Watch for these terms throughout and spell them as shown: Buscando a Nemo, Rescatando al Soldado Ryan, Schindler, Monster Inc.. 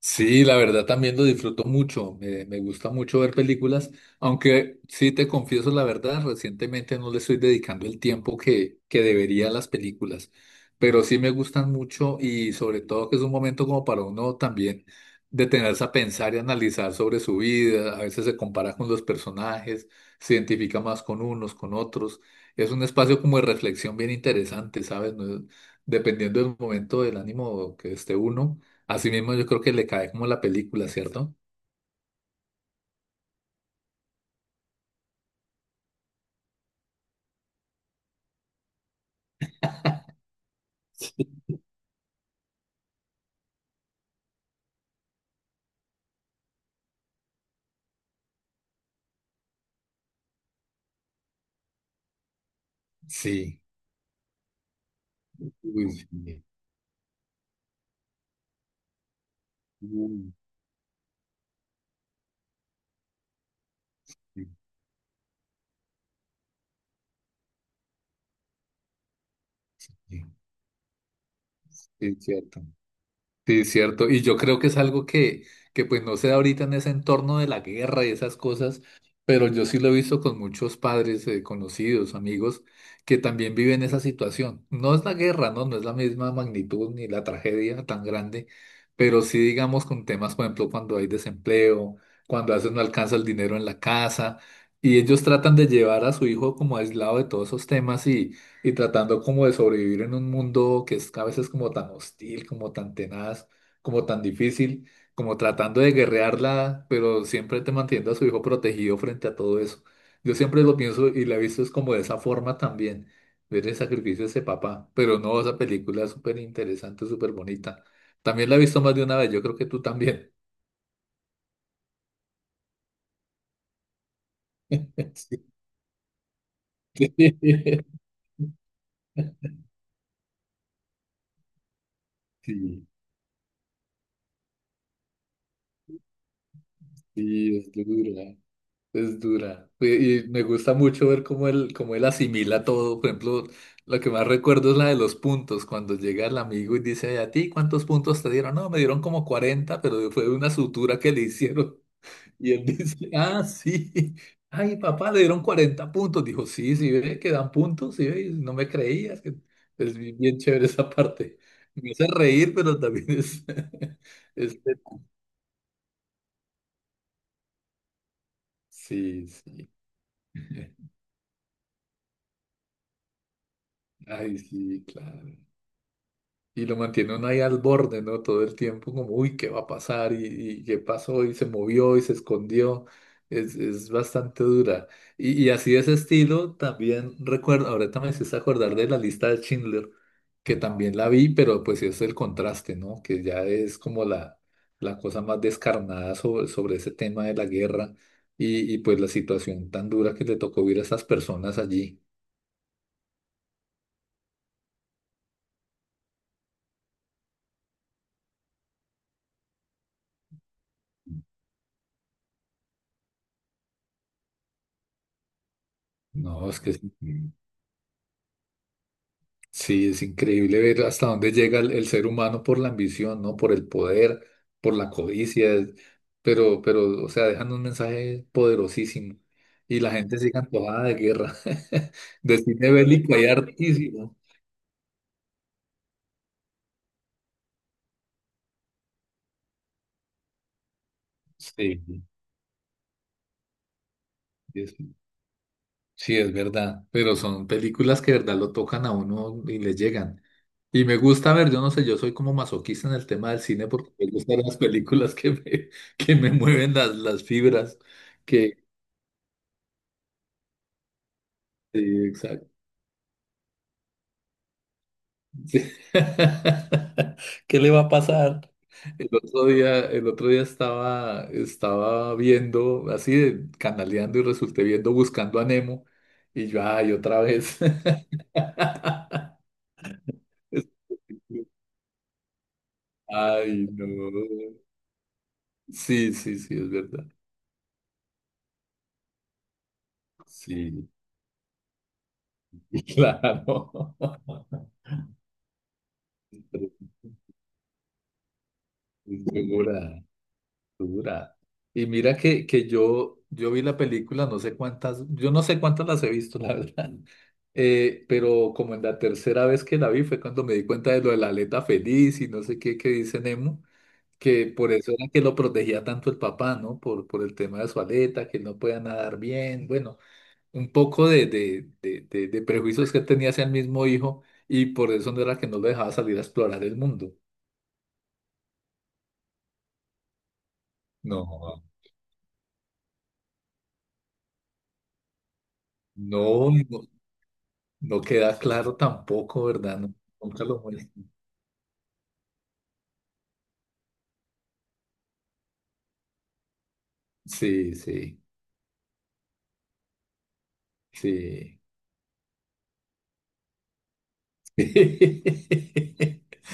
Sí, la verdad también lo disfruto mucho, me gusta mucho ver películas, aunque sí te confieso la verdad, recientemente no le estoy dedicando el tiempo que debería a las películas, pero sí me gustan mucho y sobre todo que es un momento como para uno también detenerse a pensar y analizar sobre su vida, a veces se compara con los personajes, se identifica más con unos, con otros, es un espacio como de reflexión bien interesante, ¿sabes? No es- Dependiendo del momento del ánimo que esté uno, así mismo yo creo que le cae como la película, ¿cierto? Sí. Uy, sí. Uy, sí, sí, sí, es cierto. Sí, cierto. Y yo creo que es algo que pues no se da ahorita en ese entorno de la guerra y esas cosas, pero yo sí lo he visto con muchos padres, conocidos, amigos, que también viven esa situación. No es la guerra, ¿no? No es la misma magnitud ni la tragedia tan grande, pero sí digamos con temas, por ejemplo, cuando hay desempleo, cuando a veces no alcanza el dinero en la casa, y ellos tratan de llevar a su hijo como aislado de todos esos temas y tratando como de sobrevivir en un mundo que es a veces como tan hostil, como tan tenaz, como tan difícil, como tratando de guerrearla, pero siempre te manteniendo a su hijo protegido frente a todo eso. Yo siempre lo pienso y la he visto es como de esa forma también, ver el sacrificio de ese papá, pero no, esa película es súper interesante, súper bonita. También la he visto más de una vez, yo creo que tú también. Sí, sí, sí, es dura. Es dura. Y me gusta mucho ver cómo él asimila todo. Por ejemplo, lo que más recuerdo es la de los puntos, cuando llega el amigo y dice, ¿a ti cuántos puntos te dieron? No, me dieron como 40 pero fue de una sutura que le hicieron. Y él dice, ah, sí. Ay, papá, le dieron 40 puntos. Dijo, sí, sí, ve que dan puntos, sí, ve, y no me creías. Es bien chévere esa parte. Me hace reír, pero también es... es... Sí, sí. Ay, sí, claro. Y lo mantiene uno ahí al borde, ¿no? Todo el tiempo como, uy, ¿qué va a pasar? ¿Y qué pasó? Y se movió y se escondió. Es bastante dura. Y así de ese estilo, también recuerdo, ahorita me hiciste acordar de la lista de Schindler, que también la vi, pero pues sí es el contraste, ¿no? Que ya es como la cosa más descarnada sobre ese tema de la guerra y pues la situación tan dura que le tocó vivir a esas personas allí. No, es que sí. Sí, es increíble ver hasta dónde llega el ser humano por la ambición, ¿no? Por el poder, por la codicia, pero, o sea, dejan un mensaje poderosísimo y la gente sigue antojada de guerra, de cine bélico hay hartísimo. Sí, es- sí, es verdad, pero son películas que de verdad lo tocan a uno y le llegan. Y me gusta ver, yo no sé, yo soy como masoquista en el tema del cine porque me gustan las películas que me mueven las fibras. Que Sí, exacto. Sí. ¿Qué le va a pasar? El otro día estaba, estaba viendo, así de canaleando y resulté viendo Buscando a Nemo y yo, ay, otra vez. Ay, no. Sí, sí, sí, es verdad. Sí, claro. Estoy segura. Dura. Y mira que yo, yo vi la película, no sé cuántas, yo no sé cuántas las he visto, la verdad. Pero como en la tercera vez que la vi fue cuando me di cuenta de lo de la aleta feliz y no sé qué que dice Nemo, que por eso era que lo protegía tanto el papá, ¿no? Por el tema de su aleta, que él no podía nadar bien, bueno, un poco de prejuicios que él tenía hacia el mismo hijo y por eso no era que no lo dejaba salir a explorar el mundo. No, no, no. No queda claro tampoco, ¿verdad? Nunca lo muestran. Sí, sí, sí.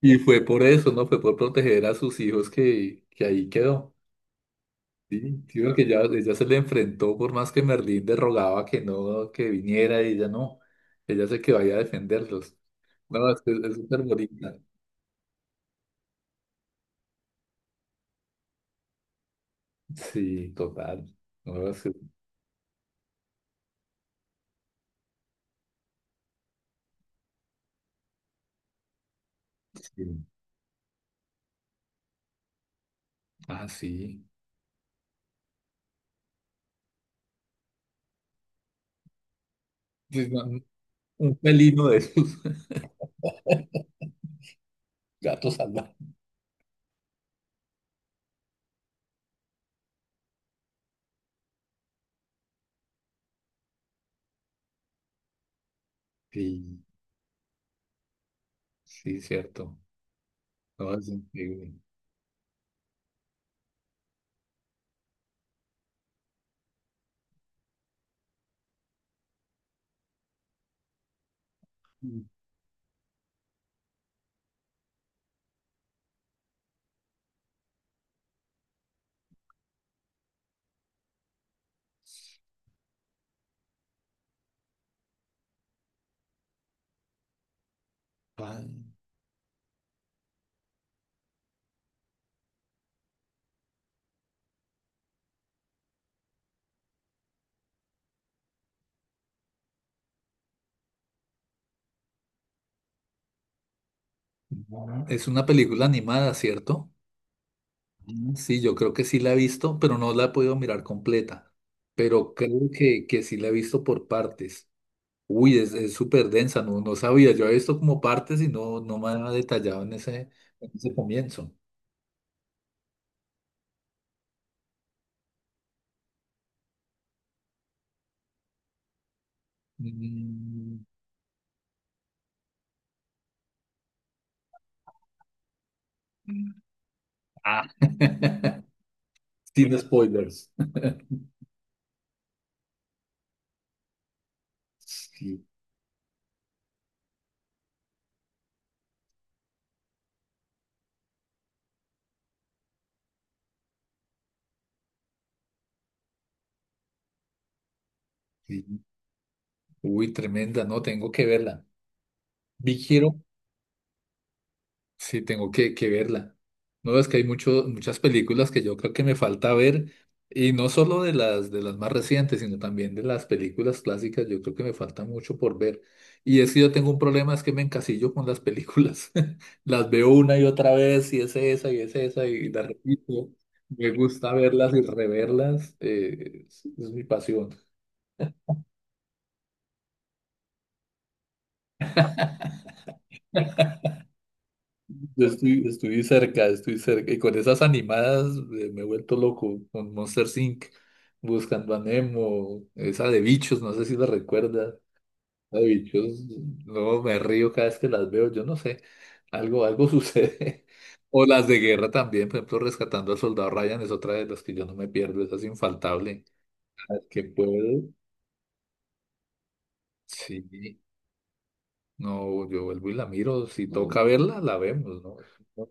Y fue por eso, ¿no? Fue por proteger a sus hijos que ahí quedó. Sí, sí, porque ya, ella se le enfrentó, por más que Merlín le rogaba que no, que viniera, y ella no. Ella se quedó ahí a defenderlos. No, es que es súper bonita. Sí, total. No, sí. Ah, sí. Sí, no, un felino de esos, gatos salvajes. Sí. Sí, cierto. No, es increíble. Ah, es una película animada, ¿cierto? Mm. Sí, yo creo que sí la he visto, pero no la he podido mirar completa. Pero creo que sí la he visto por partes. Uy, es súper densa, no, no sabía. Yo he visto como partes y no, no me ha detallado en ese comienzo. Mm. Ah. Sin spoilers. Sí, sí. Uy, tremenda, no, tengo que verla. Big Hero Sí, tengo que verla. No, es que hay muchas películas que yo creo que me falta ver, y no solo de las más recientes, sino también de las películas clásicas, yo creo que me falta mucho por ver. Y es que yo tengo un problema, es que me encasillo con las películas. Las veo una y otra vez, y es esa, y es esa, y la repito. Me gusta verlas y reverlas, es mi pasión. Yo estoy cerca, estoy cerca. Y con esas animadas, me he vuelto loco con Monster Inc. Buscando a Nemo, esa de bichos, no sé si la recuerdas. La de bichos, no me río cada vez que las veo, yo no sé. Algo sucede. O las de guerra también, por ejemplo, Rescatando al Soldado Ryan es otra de las que yo no me pierdo, esa es infaltable. Cada vez que puedo, sí. No, yo vuelvo y la miro. Si toca verla, la vemos, ¿no?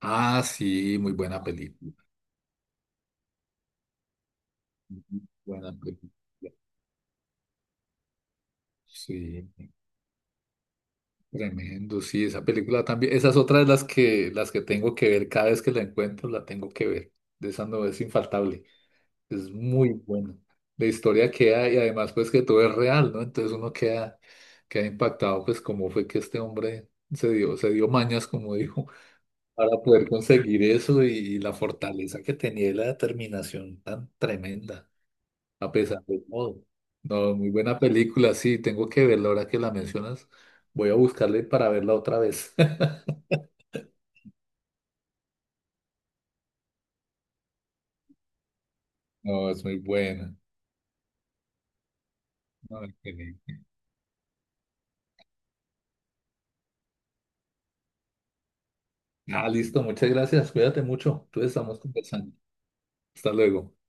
Ah, sí, muy buena película. Ujú, buena película. Sí, tremendo. Sí, esa película también. Esa es otra de las que tengo que ver. Cada vez que la encuentro, la tengo que ver. De esa no es infaltable. Es muy buena. La historia queda y además pues que todo es real, ¿no? Entonces uno queda, queda impactado pues cómo fue que este hombre se dio mañas, como dijo, para poder conseguir eso y la fortaleza que tenía y la determinación tan tremenda. A pesar de todo. No, muy buena película, sí, tengo que verla ahora que la mencionas. Voy a buscarle para verla otra vez. No, es muy buena. No, qué lindo. Ah, listo, muchas gracias. Cuídate mucho. Entonces estamos conversando. Hasta luego.